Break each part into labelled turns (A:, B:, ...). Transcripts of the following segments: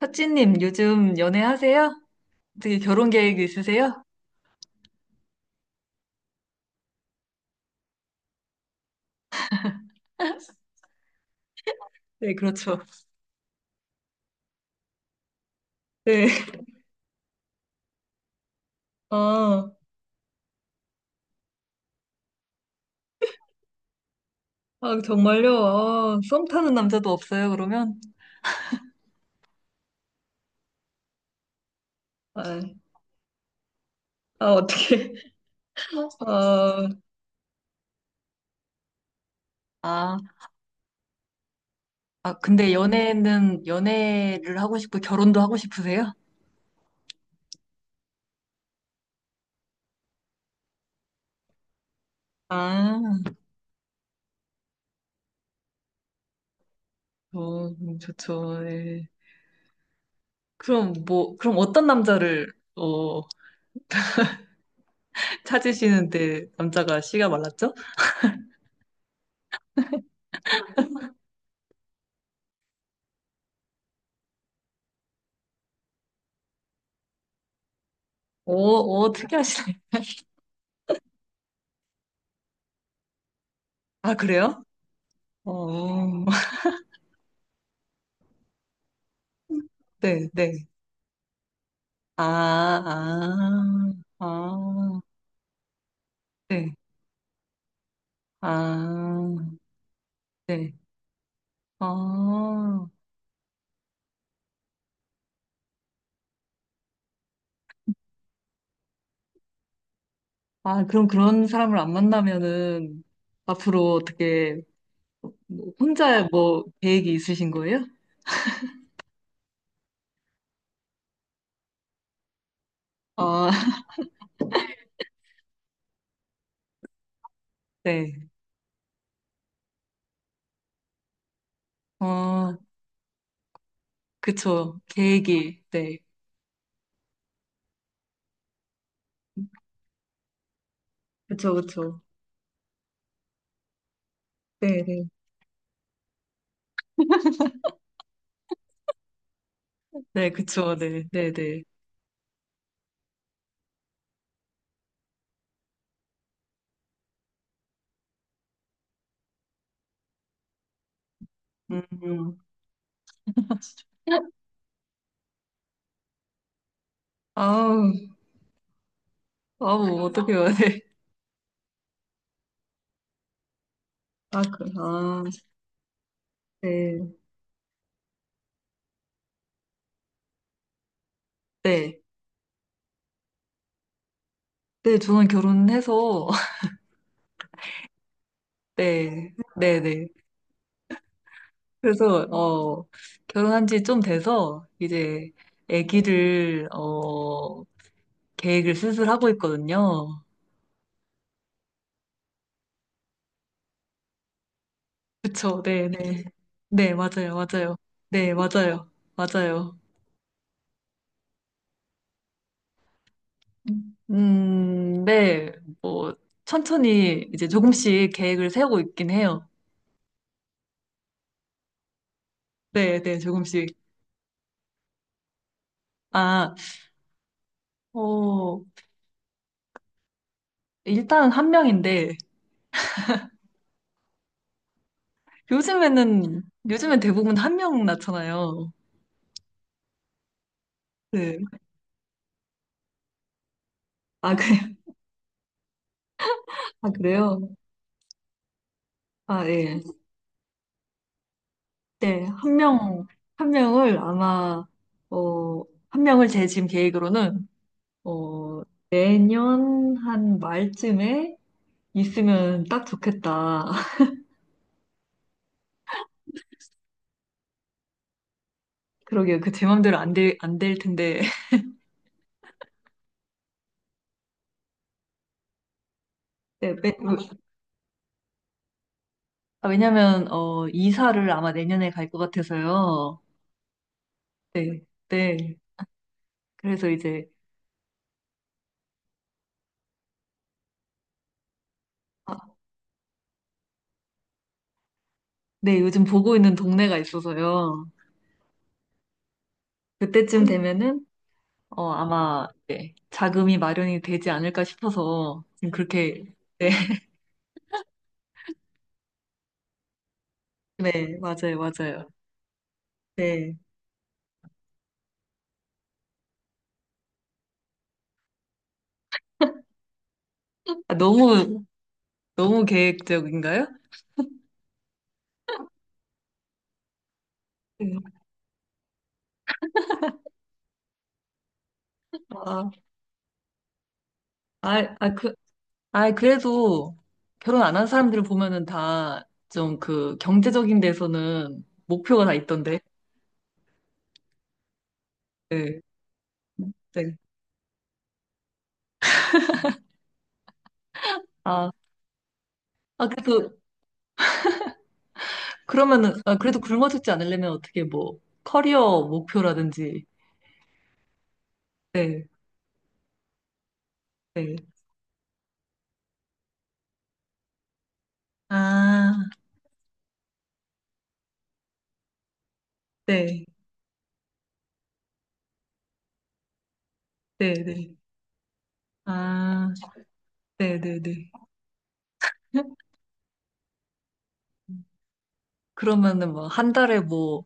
A: 사치님, 요즘 연애하세요? 어떻게 결혼 계획 있으세요? 네, 그렇죠. 네. 아, 아, 정말요? 아, 썸 타는 남자도 없어요, 그러면? 아, 아, 어떻게. 아, 아, 아, 근데 연애를 하고 싶고, 결혼도 하고 싶으세요? 아, 어, 좋죠. 네. 그럼 뭐, 그럼 찾으시는데 남자가 씨가 말랐죠? 오, 오, 특이하시네. 아, 그래요? 어. 어. 네, 네. 아, 아, 아, 네. 아, 네. 아, 아, 그럼 그런 사람을 안 만나면은 앞으로 어떻게 뭐 혼자 뭐 계획이 있으신 거예요? 아, 네. 어, 그쵸. 계획이. 네. 그쵸, 그쵸. 네, 네. 네, 그쵸. 네, 네, 네. 음. 아우, 아우, 어떡해요. 네. 아, 그, 아, 네. 네. 네, 저는 결혼해서 네, 네네. 그래서, 어, 결혼한 지 좀 돼서, 이제, 아기를, 계획을 슬슬 하고 있거든요. 그쵸, 네네. 네, 맞아요, 맞아요. 네, 맞아요, 맞아요. 네, 뭐, 천천히 이제 조금씩 계획을 세우고 있긴 해요. 네, 네, 조금씩. 아, 어, 일단 한 명인데, 요즘에는, 요즘엔 대부분 한 명 낳잖아요. 네. 아, 그래요? 아, 그래요? 아, 예. 네, 한 명, 한 명을 아마, 어, 한 명을 제 지금 계획으로는, 어, 내년 한 말쯤에 있으면 딱 좋겠다. 그러게요. 그 제 맘대로 안 될 텐데. 네, 왜, 아, 왜냐면, 어, 이사를 아마 내년에 갈 것 같아서요. 네, 네. 그래서 이제, 아, 네, 요즘 보고 있는 동네가 있어서요. 그때쯤 되면은 어, 아마 네, 자금이 마련이 되지 않을까 싶어서 지금 그렇게 네, 네, 맞아요, 맞아요. 네. 아, 너무 계획적인가요? 네. 아, 아, 아, 그, 아, 그래도 결혼 안 한 사람들을 보면은 다 좀 그 경제적인 데서는 목표가 다 있던데. 네. 네. 아, 아, 그래도 그러면은 아, 그래도 굶어죽지 않으려면 어떻게 뭐 커리어 목표라든지. 네. 네. 아, 네. 네, 네. 아, 네네네. 그러면은 뭐 한 달에 뭐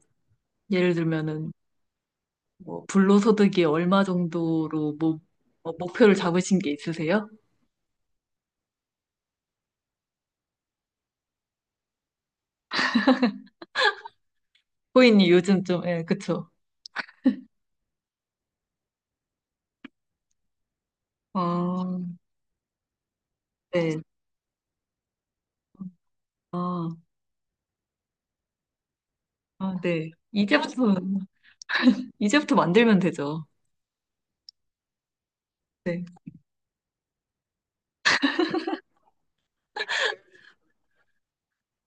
A: 예를 들면은 뭐 불로소득이 얼마 정도로 뭐, 뭐 목표를 잡으신 게 있으세요? 코인이 요즘 좀, 예, 그쵸. 아, 네. 아, 아, 네. 이제부터 만들면 되죠. 네.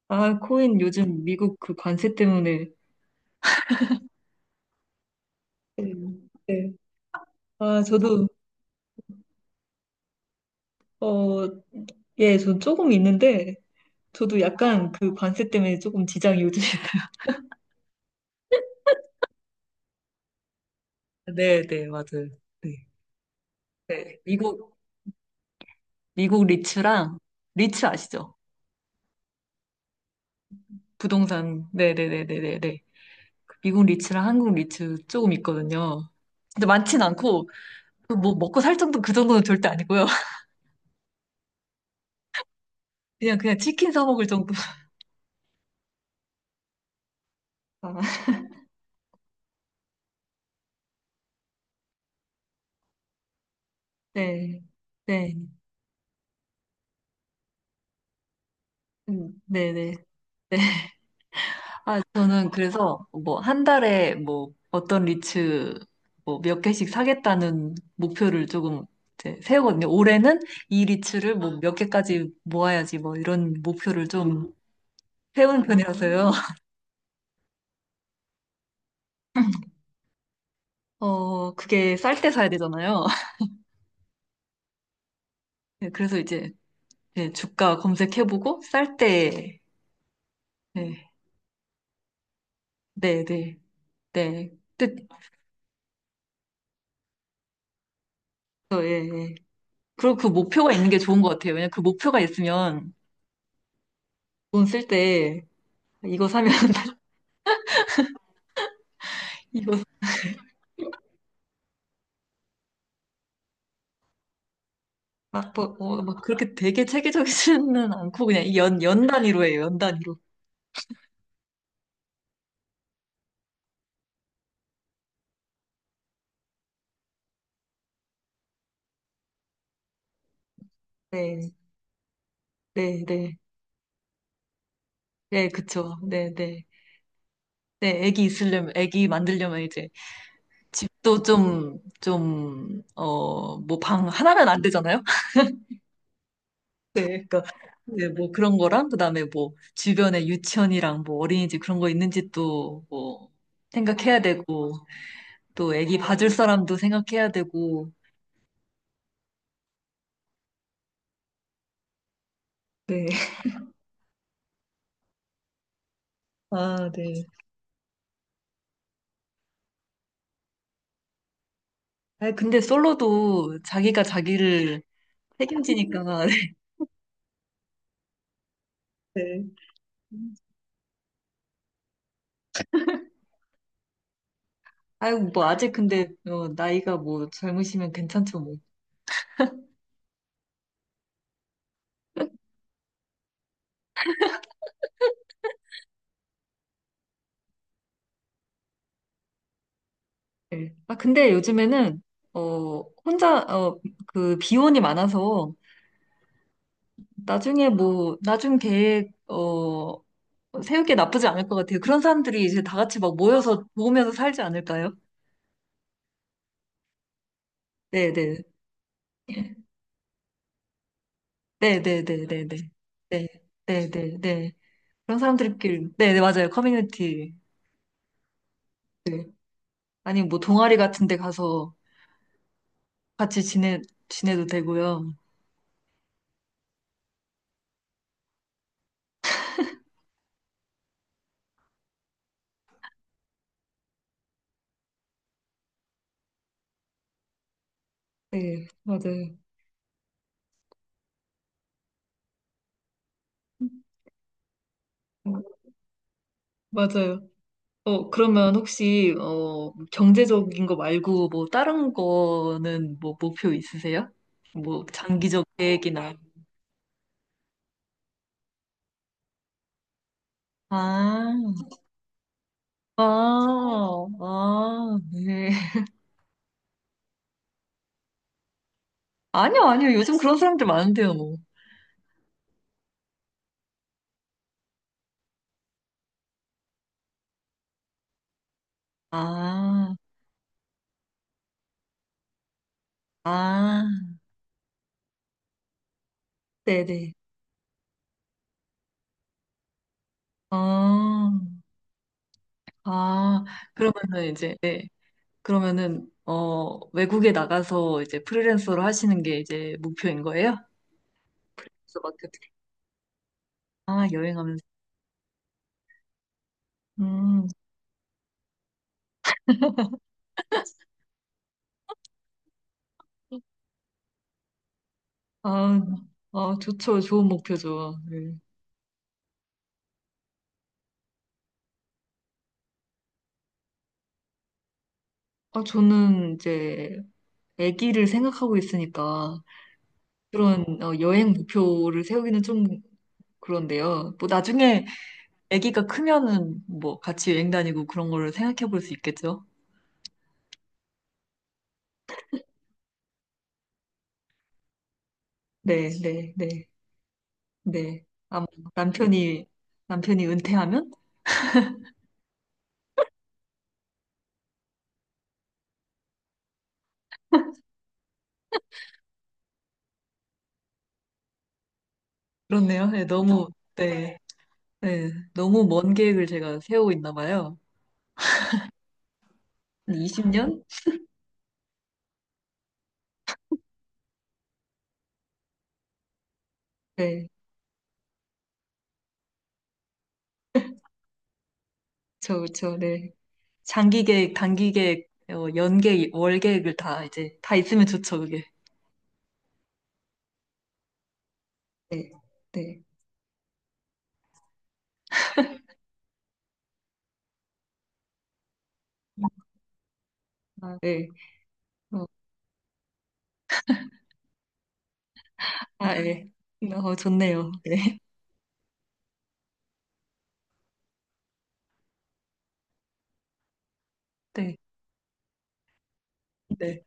A: 아, 코인 요즘 미국 그 관세 때문에. 네. 네. 아, 저도, 어, 예, 전 조금 있는데, 저도 약간 그 관세 때문에 조금 지장이 요즘 네, 네, 맞아요. 네. 네. 미국, 미국 리츠랑, 리츠 아시죠? 부동산. 네, 네, 네, 네, 네, 네. 미국 리츠랑 한국 리츠 조금 있거든요. 근데 많진 않고, 그뭐 먹고 살 정도 그 정도는 절대 아니고요. 그냥, 그냥 치킨 사 먹을 정도. 아, 네, 네, 네, 네. 네. 아, 저는 그래서 뭐 한 달에 뭐 어떤 리츠 뭐 몇 개씩 사겠다는 목표를 조금 이제 세우거든요. 올해는 이 리츠를 뭐 몇 개까지 모아야지 뭐 이런 목표를 좀 세우는 편이라서요. 어, 그게 쌀 때 사야 되잖아요. 네, 그래서 이제 네, 주가 검색해보고 쌀 때, 네, 네, 네, 네. 뜻, 어, 예, 예. 그리고 그 목표가 있는 게 좋은 것 같아요. 왜냐면 그 목표가 있으면 돈 쓸 때 이거 사면 이거 막, 뭐, 어, 막 그렇게 되게 체계적이지는 않고 그냥 이 연, 연 단위로 해요. 연 단위로. 네, 네, 네. 네, 그쵸. 네, 네. 네, 애기 있으려면, 애기 만들려면 이제 집도 좀, 좀, 어, 뭐 방 하나면 안 되잖아요? 네, 그러니까, 네, 뭐 그런 거랑, 그 다음에 뭐 주변에 유치원이랑 뭐 어린이집 그런 거 있는지 또 뭐 생각해야 되고, 또 애기 봐줄 사람도 생각해야 되고, 네. 아, 네. 아니, 근데 솔로도 자기가 자기를 책임지니까. 네. 아유, 뭐, 아직 근데, 어, 나이가 뭐, 젊으시면 괜찮죠, 뭐. 네. 아, 근데 요즘에는, 어, 혼자, 어, 그, 비혼이 많아서, 나중에 뭐, 나중 계획, 어, 세우기 나쁘지 않을 것 같아요. 그런 사람들이 이제 다 같이 막 모여서 모으면서 살지 않을까요? 네네. 네네네네네. 네. 네네네. 그런 사람들끼리, 네네, 맞아요. 커뮤니티. 아니, 뭐, 동아리 같은 데 가서 같이 지내도 되고요. 네, 맞아요. 어, 맞아요. 어, 그러면 혹시, 어, 경제적인 거 말고, 뭐, 다른 거는 뭐, 목표 있으세요? 뭐, 장기적 계획이나. 아, 아, 아, 네. 아니요, 아니요. 요즘 그런 사람들 많은데요, 뭐. 아, 아, 네네. 아, 아, 그러면은 이제, 네. 그러면은, 어, 외국에 나가서 이제 프리랜서로 하시는 게 이제 목표인 거예요? 그래서 막 그- 아, 여행하면서. 음, 아, 아, 좋죠. 좋은 목표죠. 네. 아, 저는 이제 아기를 생각하고 있으니까 그런 어, 여행 목표를 세우기는 좀 그런데요. 뭐 나중에 아기가 크면은 뭐 같이 여행 다니고 그런 거를 생각해 볼 수 있겠죠. 네, 네, 네, 네. 아마 남편이, 남편이 은퇴하면? 그렇네요. 네, 너무, 네, 네. 너무 먼 계획을 제가 세우고 있나 봐요. 20년? 그쵸, 그쵸, 네. 장기 계획, 단기 계획, 어, 연 계획, 월 계획을 다 이제, 다 있으면 좋죠, 그게. 네, 네, 아, 네. 어, 아, 예. 어, 좋네요. 네, 네, 네.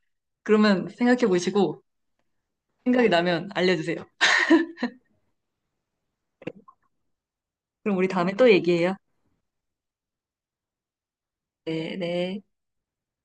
A: 그러면 생각해 보시고, 생각이 나면 알려주세요. 그럼 우리 다음에 또 얘기해요. 네, 네.